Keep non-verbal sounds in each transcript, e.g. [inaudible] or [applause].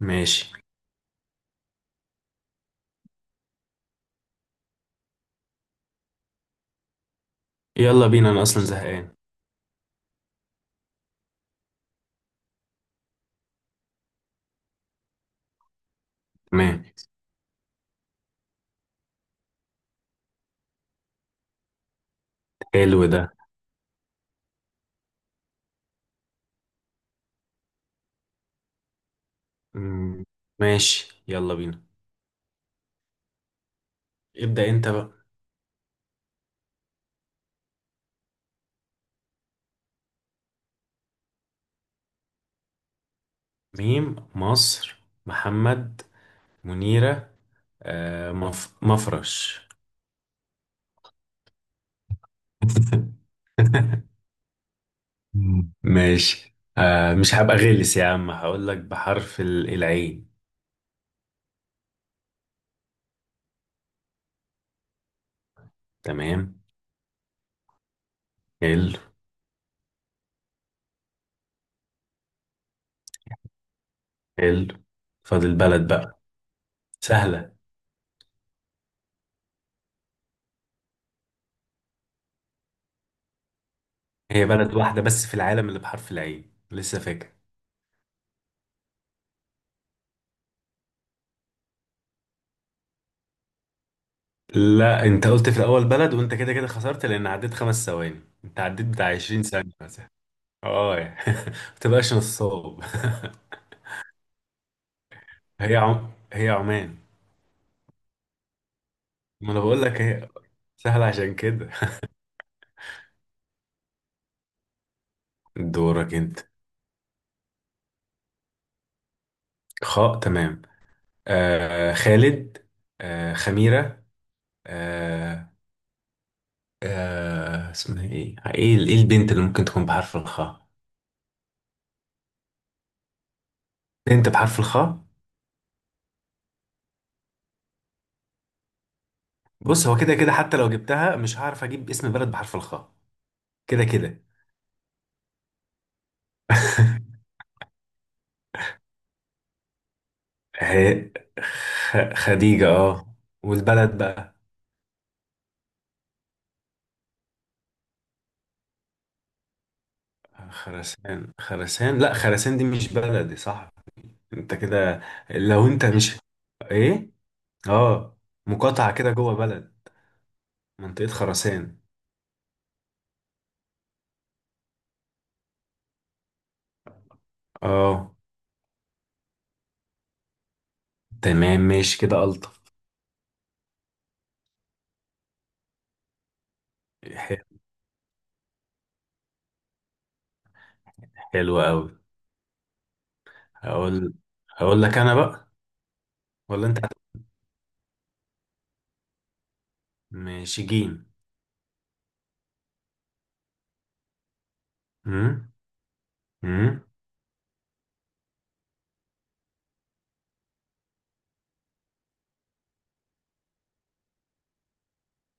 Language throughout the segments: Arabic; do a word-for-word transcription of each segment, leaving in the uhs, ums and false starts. ماشي. يلا بينا، انا اصلا زهقان. تمام. حلو ده. مم، ماشي، يلا بينا. ابدأ انت بقى. ميم، مصر، محمد، منيرة، آه مف... مفرش. [laughs] مم. ماشي، آه مش هبقى غلس يا عم، هقول لك بحرف ال- العين. تمام. حلو. حلو. فاضل بلد بقى. سهلة؟ هي بلد واحدة بس في العالم اللي بحرف العين، لسه فاكر؟ لا، انت قلت في الاول بلد، وانت كده كده خسرت لان عديت خمس ثواني. انت عديت بتاع عشرين ثانية مثلا. اه يعني [laughs] ما تبقاش نصاب. [laughs] هي عم... هي عمان. ما انا بقول لك هي سهلة عشان كده. دورك انت. خاء، تمام. آه خالد، آه خميرة، آه، آه اسمها ايه ايه ايه البنت اللي ممكن تكون بحرف الخاء؟ بنت بحرف الخاء. بص، هو كده كده حتى لو جبتها مش هعرف اجيب اسم بلد بحرف الخاء. كده كده. [laughs] هي خ- خديجة، اه. والبلد بقى؟ خراسان. خراسان، لا خراسان دي مش بلدي صح. انت كده، لو انت مش، ايه، اه، مقاطعة كده جوه بلد. منطقة خراسان. اه. تمام، ماشي كده ألطف. ح- حلو قوي. هقول هقول لك انا بقى. ولا انت هت- ماشي، جيم. امم، امم.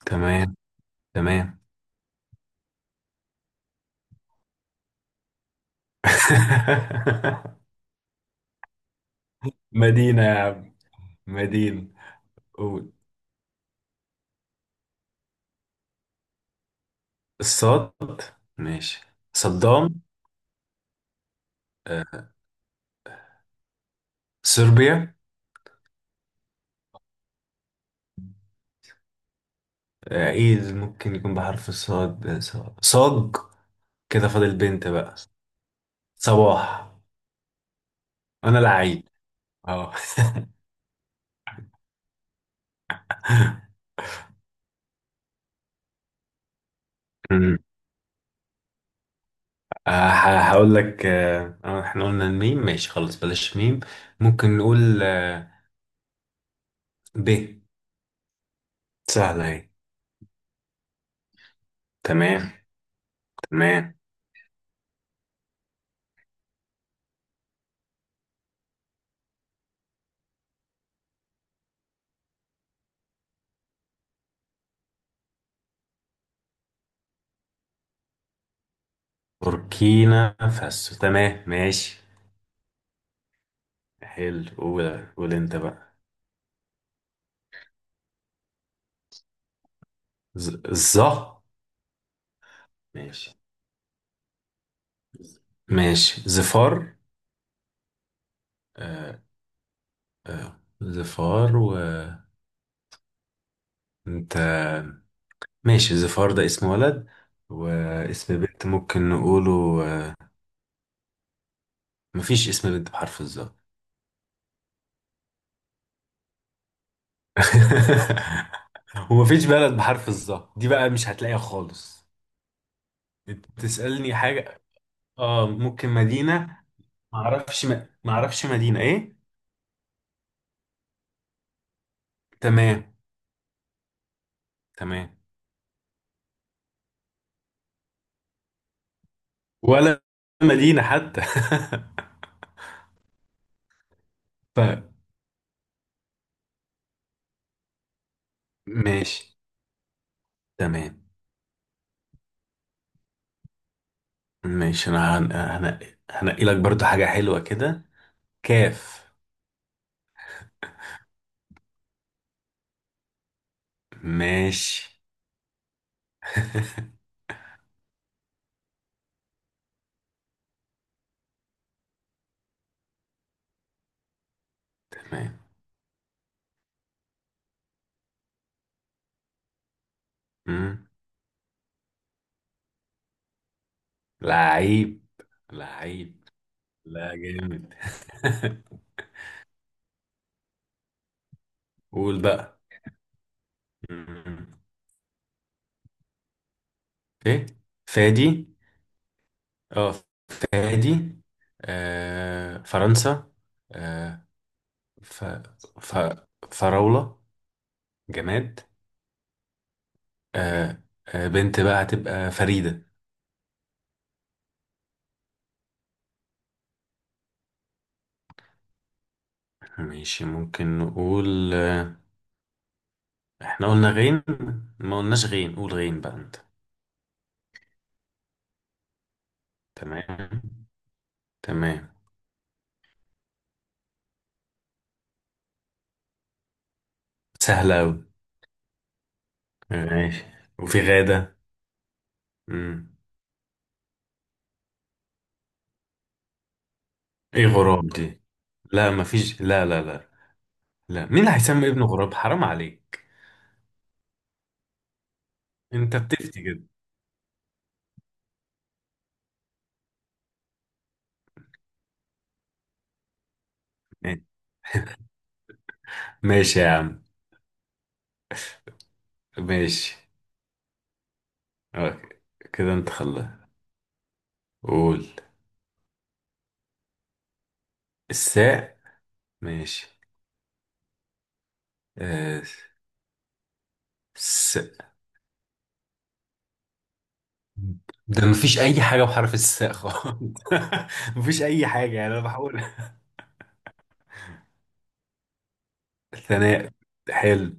تمام. تمام. [laughs] مدينة يا عم. مدينة. قول. الصاد، ماشي. صدام، آه، صربيا، آه، ايه ممكن يكون بحرف الصاد، آه، ص- صاج. كده فاضل بنت بقى. صباح. انا لعيب، اه. [laughs] أمم. آه، ه- هقول لك، آه، آه، احنا قلنا الميم، ماشي خلاص بلاش ميم. ممكن نقول آه، ب. سهلة اهي. تمام. تمام. بوركينا فاسو. تمام، ماشي. حلو. قول قول انت بقى. ز، ظه. ماشي. ماشي زفار. آه، آه زفار، وانت؟ ماشي زفار ده اسم ولد، واسم بنت ممكن نقوله آه، مفيش اسم بنت بحرف الظا. [laughs] ومفيش بلد بحرف الظا دي بقى، مش هتلاقيها خالص. تسألني حاجة؟ اه، ممكن مدينة. معرفش م... معرفش مدينة ايه. تمام. تمام. ولا مدينة حتى. [laughs] طيب. ماشي. تمام. ماشي، انا هن- هنقي هنقي لك برضو حاجة حلوة كده. كاف. ماشي. تمام. مم. لعيب. لعيب، لا جامد. [laughs] قول بقى. مم. ايه؟ فادي، اه، فادي، آه فرنسا، آه، ف... ف... فراولة جماد، آه، آه بنت بقى هتبقى فريدة. ماشي، ممكن نقول، احنا قلنا غين؟ ما قلناش غين، قول غين بقى انت. تمام. تمام. سهلة أوي. ماشي. وفي غادة. مم. ايه غراب دي؟ لا مفيش، لا لا لا لا مين اللي هيسمي ابنه غراب؟ حرام عليك. انت بتفتي كده. ماشي يا عم. ماشي. أوكي. كده انت خلاص. قول. الساء، ماشي. آه، س... ده مفيش اي حاجة بحرف الساء خالص. [laughs] مفيش اي حاجة، يعني انا بحاول. ثناء. حلو.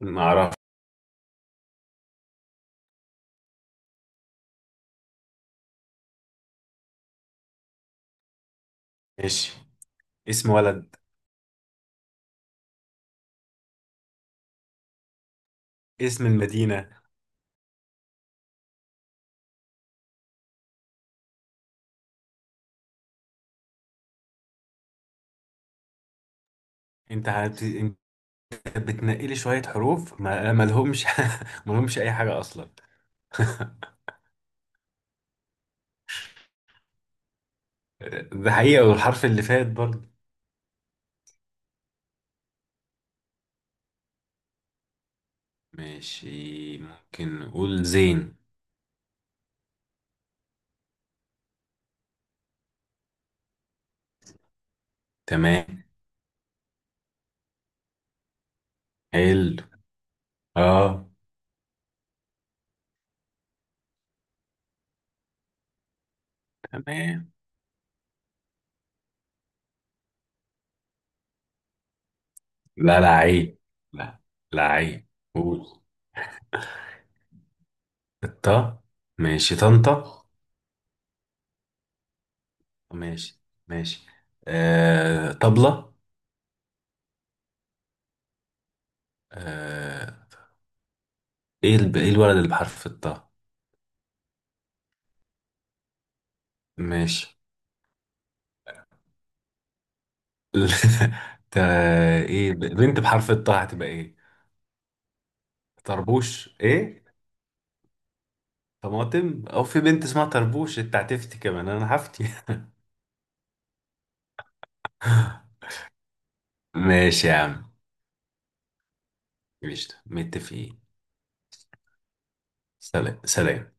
ما اعرفش. ماشي. اسم ولد. اسم المدينة. انت هت... انت بتنقلي شوية حروف ما ما لهمش. [laughs] ما لهمش اي حاجة اصلا. [laughs] ده حقيقة، والحرف اللي فات برضه. ماشي، ممكن نقول زين. تمام. حلو. اه. تمام. لا، لا عيب. لا، لا عيب. قول. الطا، ماشي طنطا. ماشي. ماشي. آه طبلة، آه. ايه الب... ايه الولد اللي بحرف الطا؟ ماشي. [laughs] تا، ايه ب- بنت بحرف الطاء هتبقى ايه؟ طربوش ايه؟ طماطم؟ او في بنت اسمها طربوش؟ انت هتفتي كمان، انا هفتي. [laughs] ماشي يا عم. ماشي متفقين. سلام، سلام.